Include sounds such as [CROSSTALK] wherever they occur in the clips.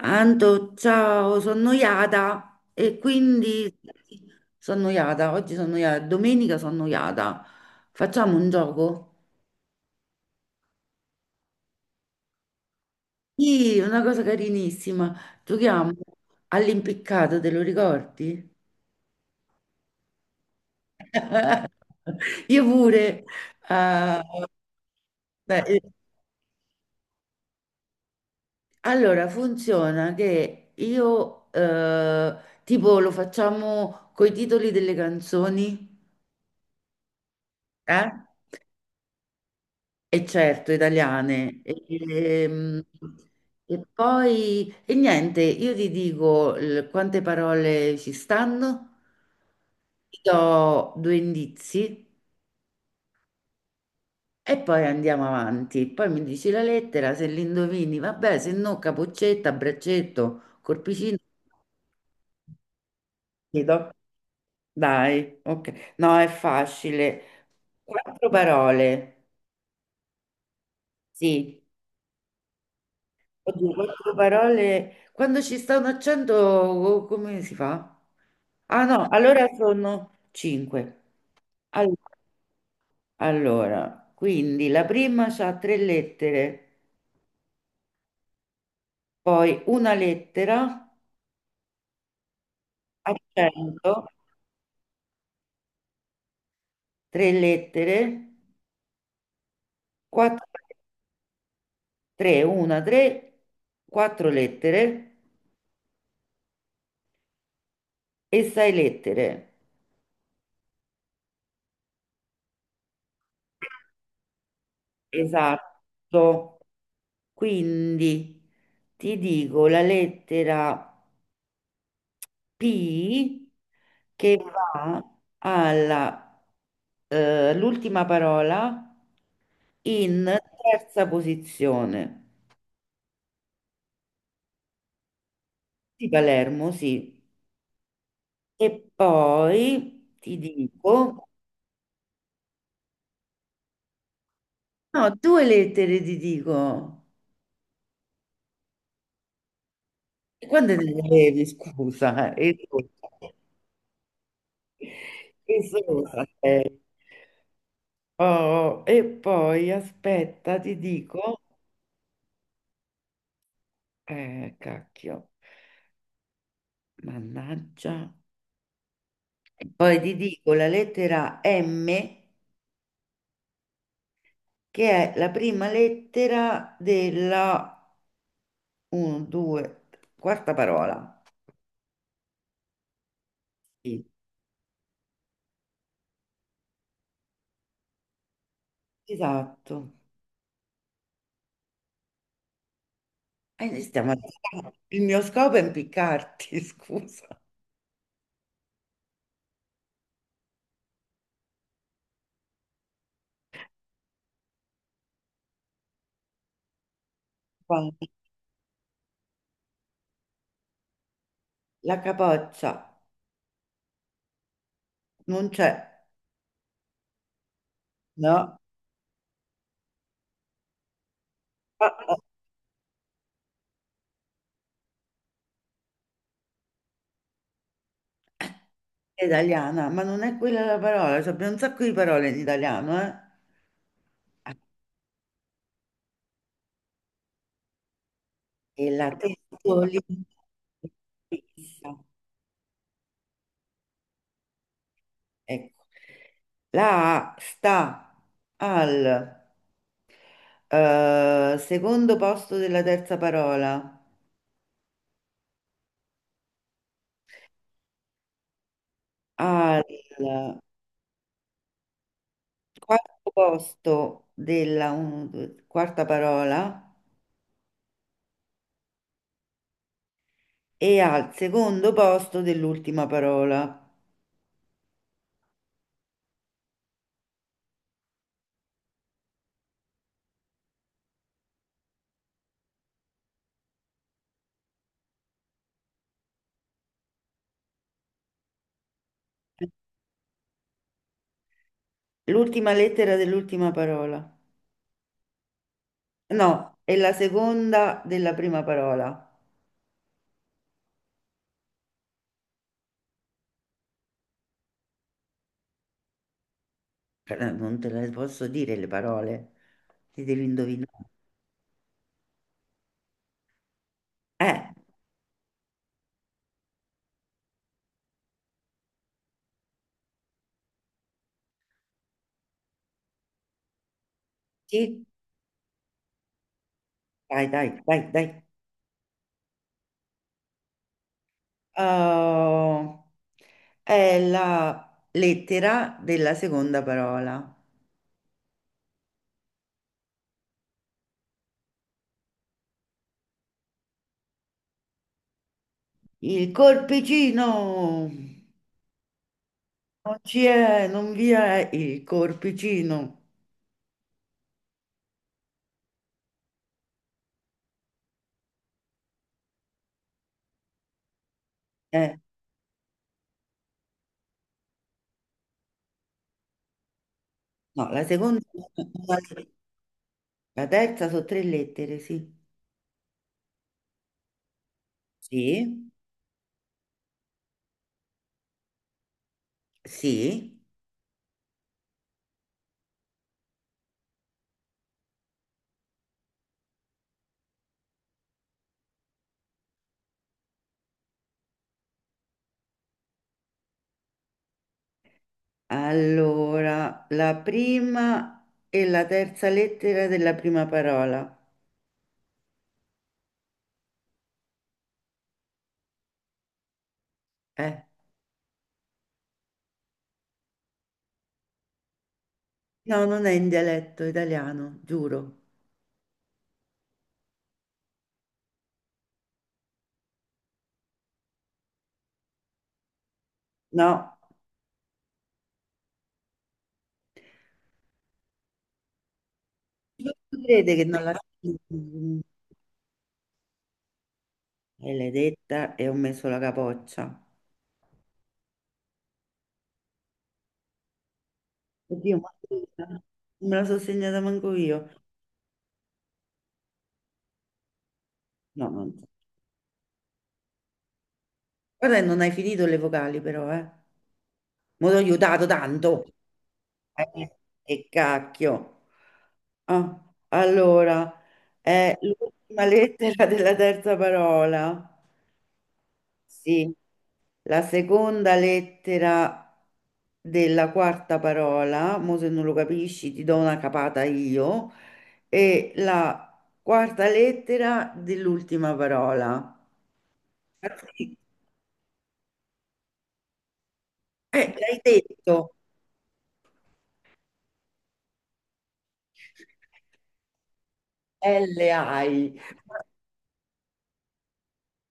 Anto, ciao, sono noiata e quindi sono noiata, oggi sono noiata, domenica sono noiata. Facciamo un gioco? Sì, una cosa carinissima. Giochiamo all'impiccato, te lo ricordi? [LAUGHS] Io pure. eh, beh, allora, funziona che io tipo lo facciamo coi titoli delle canzoni, eh? E certo, italiane. E poi, e niente, io ti dico quante parole ci stanno, ti do due indizi e poi andiamo avanti. Poi mi dici la lettera, se l'indovini, vabbè, se no capoccetta, braccetto, corpicino, ti do. Dai, ok. No, è facile. Quattro parole, sì. Oddio, quattro parole. Quando ci sta un accento, oh, come si fa? Ah no, allora sono cinque. All- Allora, quindi la prima ha tre lettere, poi una lettera, accento, tre lettere, quattro, tre, una, tre, quattro lettere e sei lettere. Esatto. Quindi ti dico la lettera. P che va alla l'ultima parola in terza posizione. Di Palermo, sì. E poi ti dico, no, due lettere ti dico. E quando te le levi, scusa? E esosa sei. Oh, e poi aspetta, ti dico, cacchio, mannaggia. Poi ti dico la lettera M, che è la prima lettera della 1, 2, quarta parola. Sì. Esatto. E noi stiamo. Il mio scopo è impiccarti, [LAUGHS] scusa. Poi, la capoccia non c'è, no? Ah, ah, è italiana, ma non è quella la parola. Cioè, abbiamo un sacco di parole in italiano, eh? Ah, e la testolina. Ecco, la A sta al secondo posto della terza parola, al quarto posto della quarta parola e al secondo posto dell'ultima parola. L'ultima lettera dell'ultima parola. No, è la seconda della prima parola. Non te le posso dire le parole, ti devi indovinare. Eh, sì, dai, dai, dai, dai. Oh, è la lettera della seconda parola. Il corpicino! Non ci è, non vi è il corpicino. Eh, no, la seconda, la terza sono tre lettere, sì. Sì, sì. Allora, la prima e la terza lettera della prima parola. Eh, no, non è in dialetto italiano, giuro. No. Non si crede che non la senti? E l'hai detta e ho messo la capoccia. Oddio, ma scusa, non me la sono segnata manco io. No, non so. Guarda, che non hai finito le vocali però, eh. Mi ho aiutato tanto. Eh, che cacchio. Ah, allora, è l'ultima lettera della terza parola. Sì, la seconda lettera della quarta parola, mo se non lo capisci ti do una capata io, e la quarta lettera dell'ultima parola. Sì. L'hai detto. LI.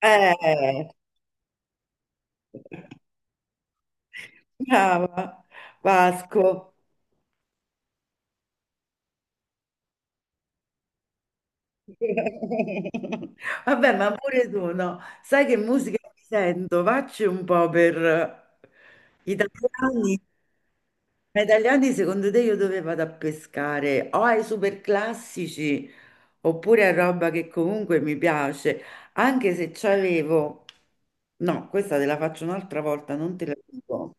Eh, brava Vasco. [LAUGHS] Vabbè, ma pure tu, no? Sai che musica mi sento? Vacci un po' per italiani. Ma italiani, secondo te, io dove vado a pescare? O ai super classici oppure a roba che comunque mi piace, anche se c'avevo. No, questa te la faccio un'altra volta, non te la dico.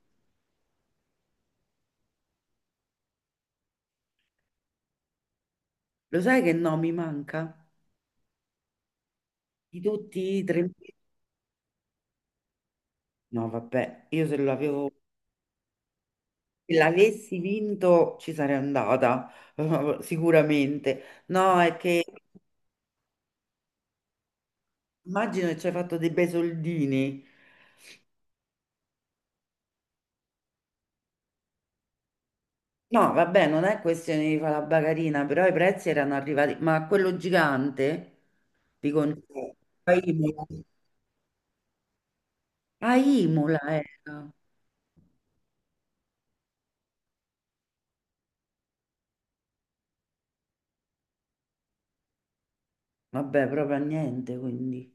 Lo sai che no, mi manca? Di tutti i tre. No, vabbè, io se lo avevo. Se l'avessi vinto ci sarei andata, [LAUGHS] sicuramente. No, è che immagino che ci hai fatto dei bei soldini. No, vabbè, non è questione di fare la bagarina, però i prezzi erano arrivati. Ma quello gigante di concerto a Imola, a Imola era. Vabbè, proprio a niente, quindi.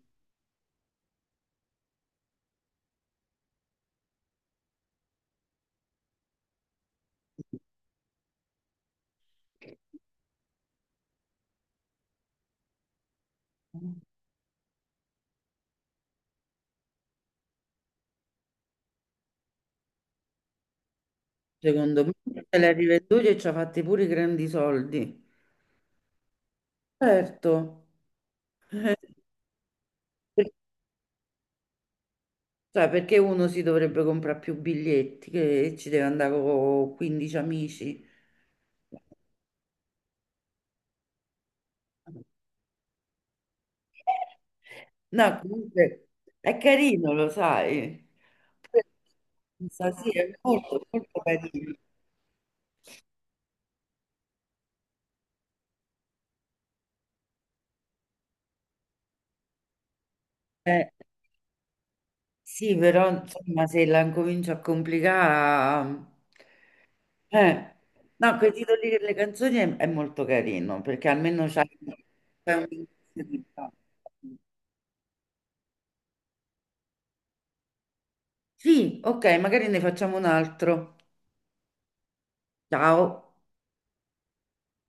Secondo me se l'ha rivenduto e ci ha fatti pure i grandi soldi. Certo. Cioè, perché uno si dovrebbe comprare più biglietti che ci deve andare con 15 amici? No, comunque è carino, lo sai. Pure- Sì, è molto, molto carino. Eh, sì, però insomma, se la incomincio a complicare... Eh, no, quei titoli delle canzoni è molto carino, perché almeno c'hai un... Sì, ok, magari ne facciamo un altro. Ciao.